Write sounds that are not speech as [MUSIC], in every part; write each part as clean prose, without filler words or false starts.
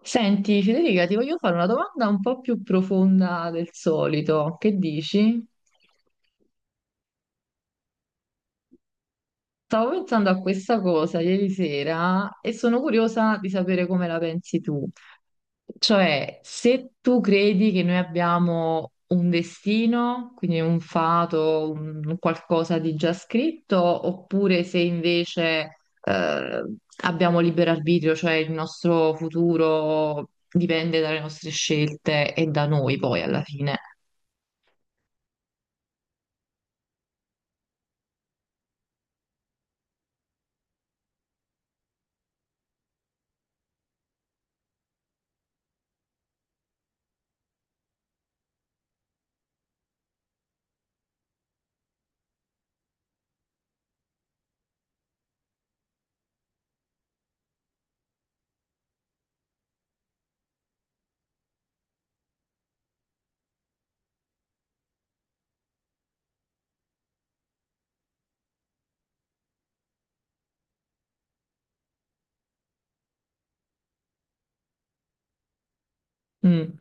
Senti, Federica, ti voglio fare una domanda un po' più profonda del solito. Che dici? Stavo pensando a questa cosa ieri sera e sono curiosa di sapere come la pensi tu. Cioè, se tu credi che noi abbiamo un destino, quindi un fato, un qualcosa di già scritto, oppure se invece abbiamo libero arbitrio, cioè il nostro futuro dipende dalle nostre scelte e da noi poi alla fine. Mm.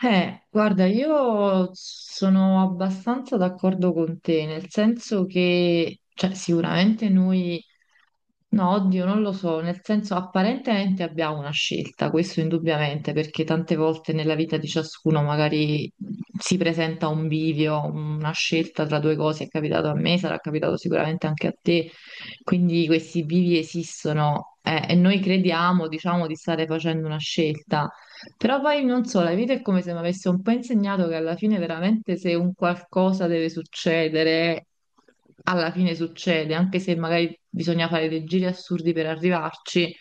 Guarda, io sono abbastanza d'accordo con te, nel senso che, cioè, sicuramente noi, no, oddio, non lo so, nel senso apparentemente abbiamo una scelta, questo indubbiamente, perché tante volte nella vita di ciascuno magari si presenta un bivio, una scelta tra due cose, è capitato a me, sarà capitato sicuramente anche a te, quindi questi bivi esistono, e noi crediamo, diciamo, di stare facendo una scelta. Però poi non so, la vita è come se mi avesse un po' insegnato che alla fine veramente se un qualcosa deve succedere, alla fine succede, anche se magari bisogna fare dei giri assurdi per arrivarci.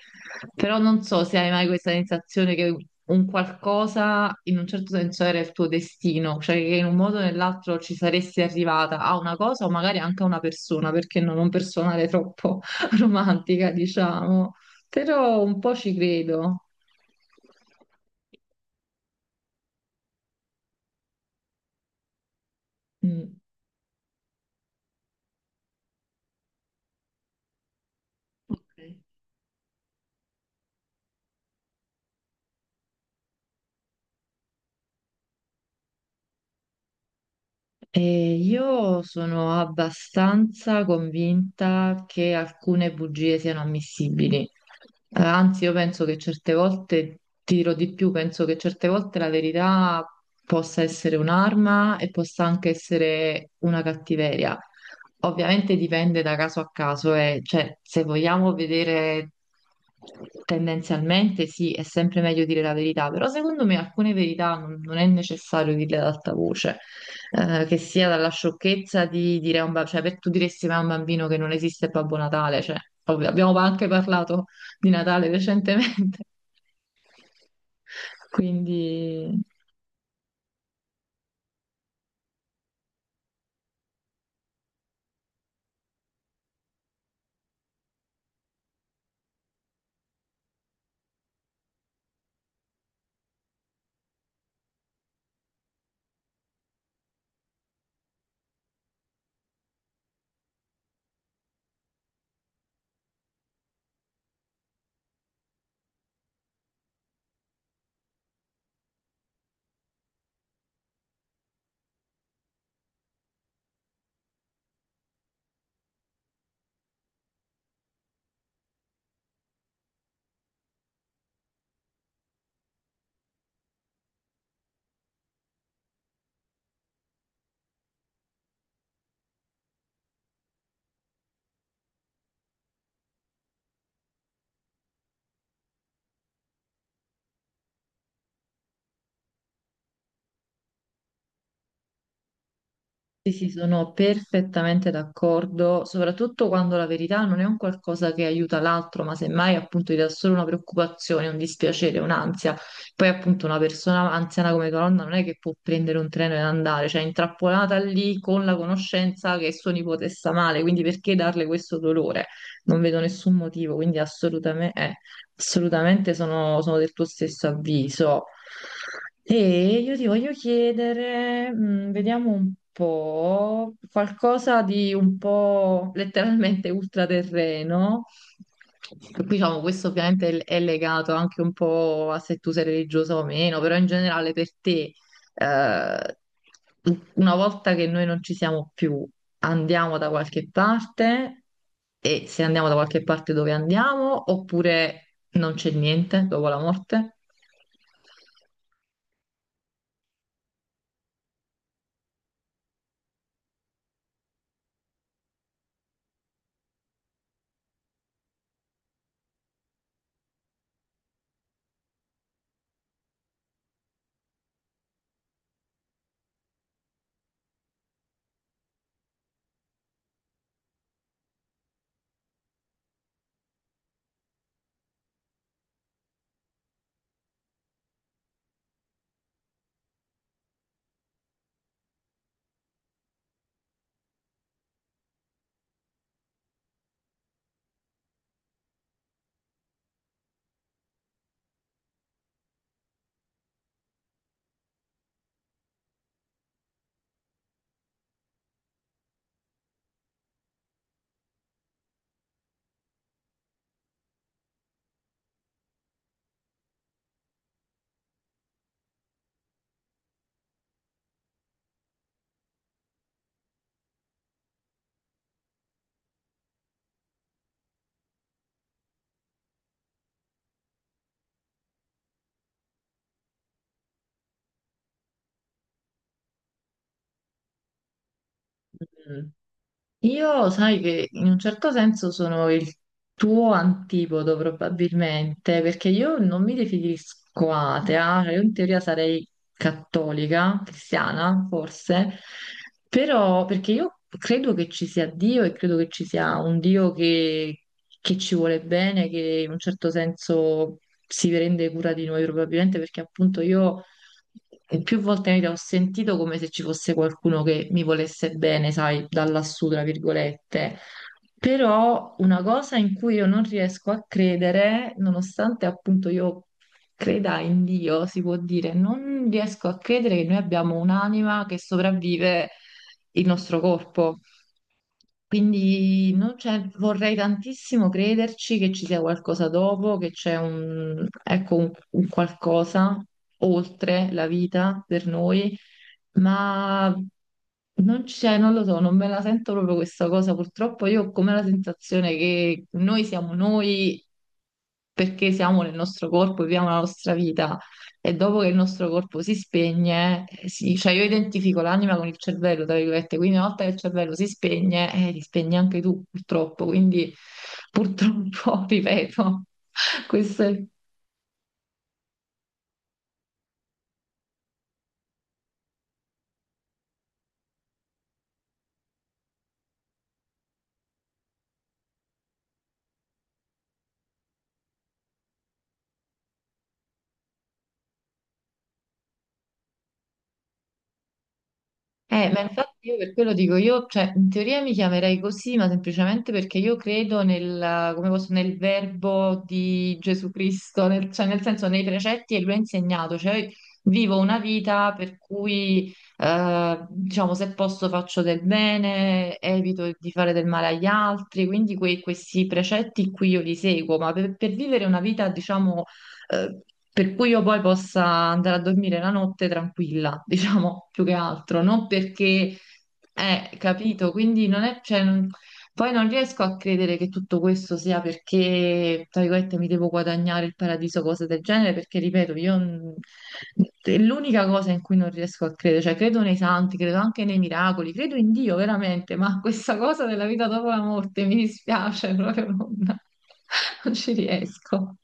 Però non so se hai mai questa sensazione che un qualcosa in un certo senso era il tuo destino, cioè che in un modo o nell'altro ci saresti arrivata a una cosa o magari anche a una persona, perché non un personale troppo [LAUGHS] romantica, diciamo. Però un po' ci credo. Mm. Ok. E io sono abbastanza convinta che alcune bugie siano ammissibili. Anzi, io penso che certe volte, ti dirò di più, penso che certe volte la verità possa essere un'arma e possa anche essere una cattiveria. Ovviamente dipende da caso a caso, e cioè, se vogliamo vedere. Tendenzialmente sì, è sempre meglio dire la verità, però secondo me alcune verità non è necessario dirle ad alta voce, che sia dalla sciocchezza di dire a un bambino, cioè per tu diresti mai a un bambino che non esiste Babbo Natale, cioè, ovvio, abbiamo anche parlato di Natale recentemente, [LAUGHS] quindi sì, sì, sono perfettamente d'accordo, soprattutto quando la verità non è un qualcosa che aiuta l'altro, ma semmai appunto ti dà solo una preoccupazione, un dispiacere, un'ansia. Poi appunto una persona anziana come tua nonna non è che può prendere un treno ed andare, cioè è intrappolata lì con la conoscenza che suo nipote sta male, quindi perché darle questo dolore? Non vedo nessun motivo, quindi assolutamente, assolutamente sono del tuo stesso avviso. E io ti voglio chiedere, mm, vediamo un po', qualcosa di un po' letteralmente ultraterreno. Diciamo, questo ovviamente è legato anche un po' a se tu sei religioso o meno, però in generale per te, eh, una volta che noi non ci siamo più, andiamo da qualche parte e se andiamo da qualche parte dove andiamo oppure non c'è niente dopo la morte? Mm. Io sai che in un certo senso sono il tuo antipodo probabilmente, perché io non mi definisco atea, cioè io in teoria sarei cattolica, cristiana forse, però perché io credo che ci sia Dio e credo che ci sia un Dio che ci vuole bene, che in un certo senso si prende cura di noi probabilmente perché appunto io... E più volte nella vita ho sentito come se ci fosse qualcuno che mi volesse bene, sai, da lassù, tra virgolette. Però una cosa in cui io non riesco a credere, nonostante appunto io creda in Dio, si può dire, non riesco a credere che noi abbiamo un'anima che sopravvive il nostro corpo. Quindi non c'è- vorrei tantissimo crederci che ci sia qualcosa dopo, che c'è un, ecco, un qualcosa oltre la vita per noi, ma non c'è, non lo so, non me la sento proprio questa cosa. Purtroppo io ho come la sensazione che noi siamo noi perché siamo nel nostro corpo, viviamo la nostra vita e dopo che il nostro corpo si spegne, si- cioè io identifico l'anima con il cervello, tra virgolette, quindi una volta che il cervello si spegne, ti spegni anche tu purtroppo, quindi purtroppo, [LAUGHS] ripeto, questo è... ma infatti io per quello dico, io, cioè, in teoria mi chiamerei così, ma semplicemente perché io credo nel, come posso, nel verbo di Gesù Cristo, nel, cioè nel senso nei precetti che lui ha insegnato, cioè vivo una vita per cui, diciamo, se posso faccio del bene, evito di fare del male agli altri, quindi que- questi precetti qui io li seguo, ma per vivere una vita, diciamo eh, per cui io poi possa andare a dormire la notte tranquilla, [LAUGHS] diciamo, più che altro, non perché è capito, quindi non è, cioè, non- poi non riesco a credere che tutto questo sia perché, tra virgolette, mi devo guadagnare il paradiso, cose del genere, perché, ripeto, io mm, è l'unica cosa in cui non riesco a credere, cioè credo nei santi, credo anche nei miracoli, credo in Dio veramente, ma [LAUGHS] questa cosa della vita dopo la morte mi dispiace, proprio non [LAUGHS] non ci riesco.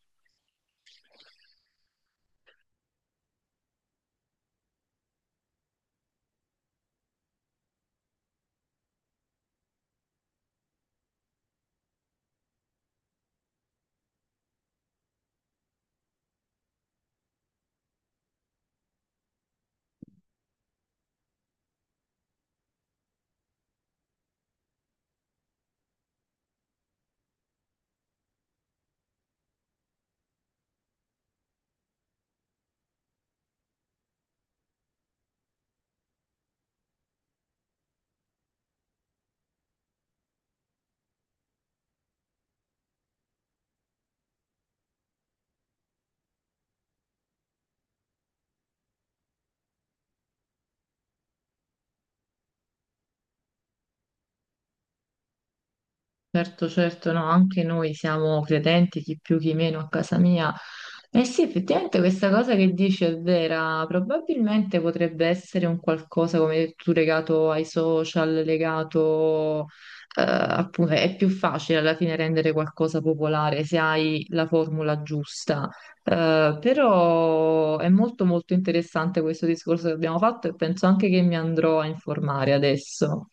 Certo, certo, no, anche noi siamo credenti, chi più chi meno a casa mia. Eh sì, effettivamente questa cosa che dici è vera, probabilmente potrebbe essere un qualcosa, come hai detto tu, legato ai social, legato, appunto, è più facile alla fine rendere qualcosa popolare se hai la formula giusta. Però è molto molto interessante questo discorso che abbiamo fatto e penso anche che mi andrò a informare adesso.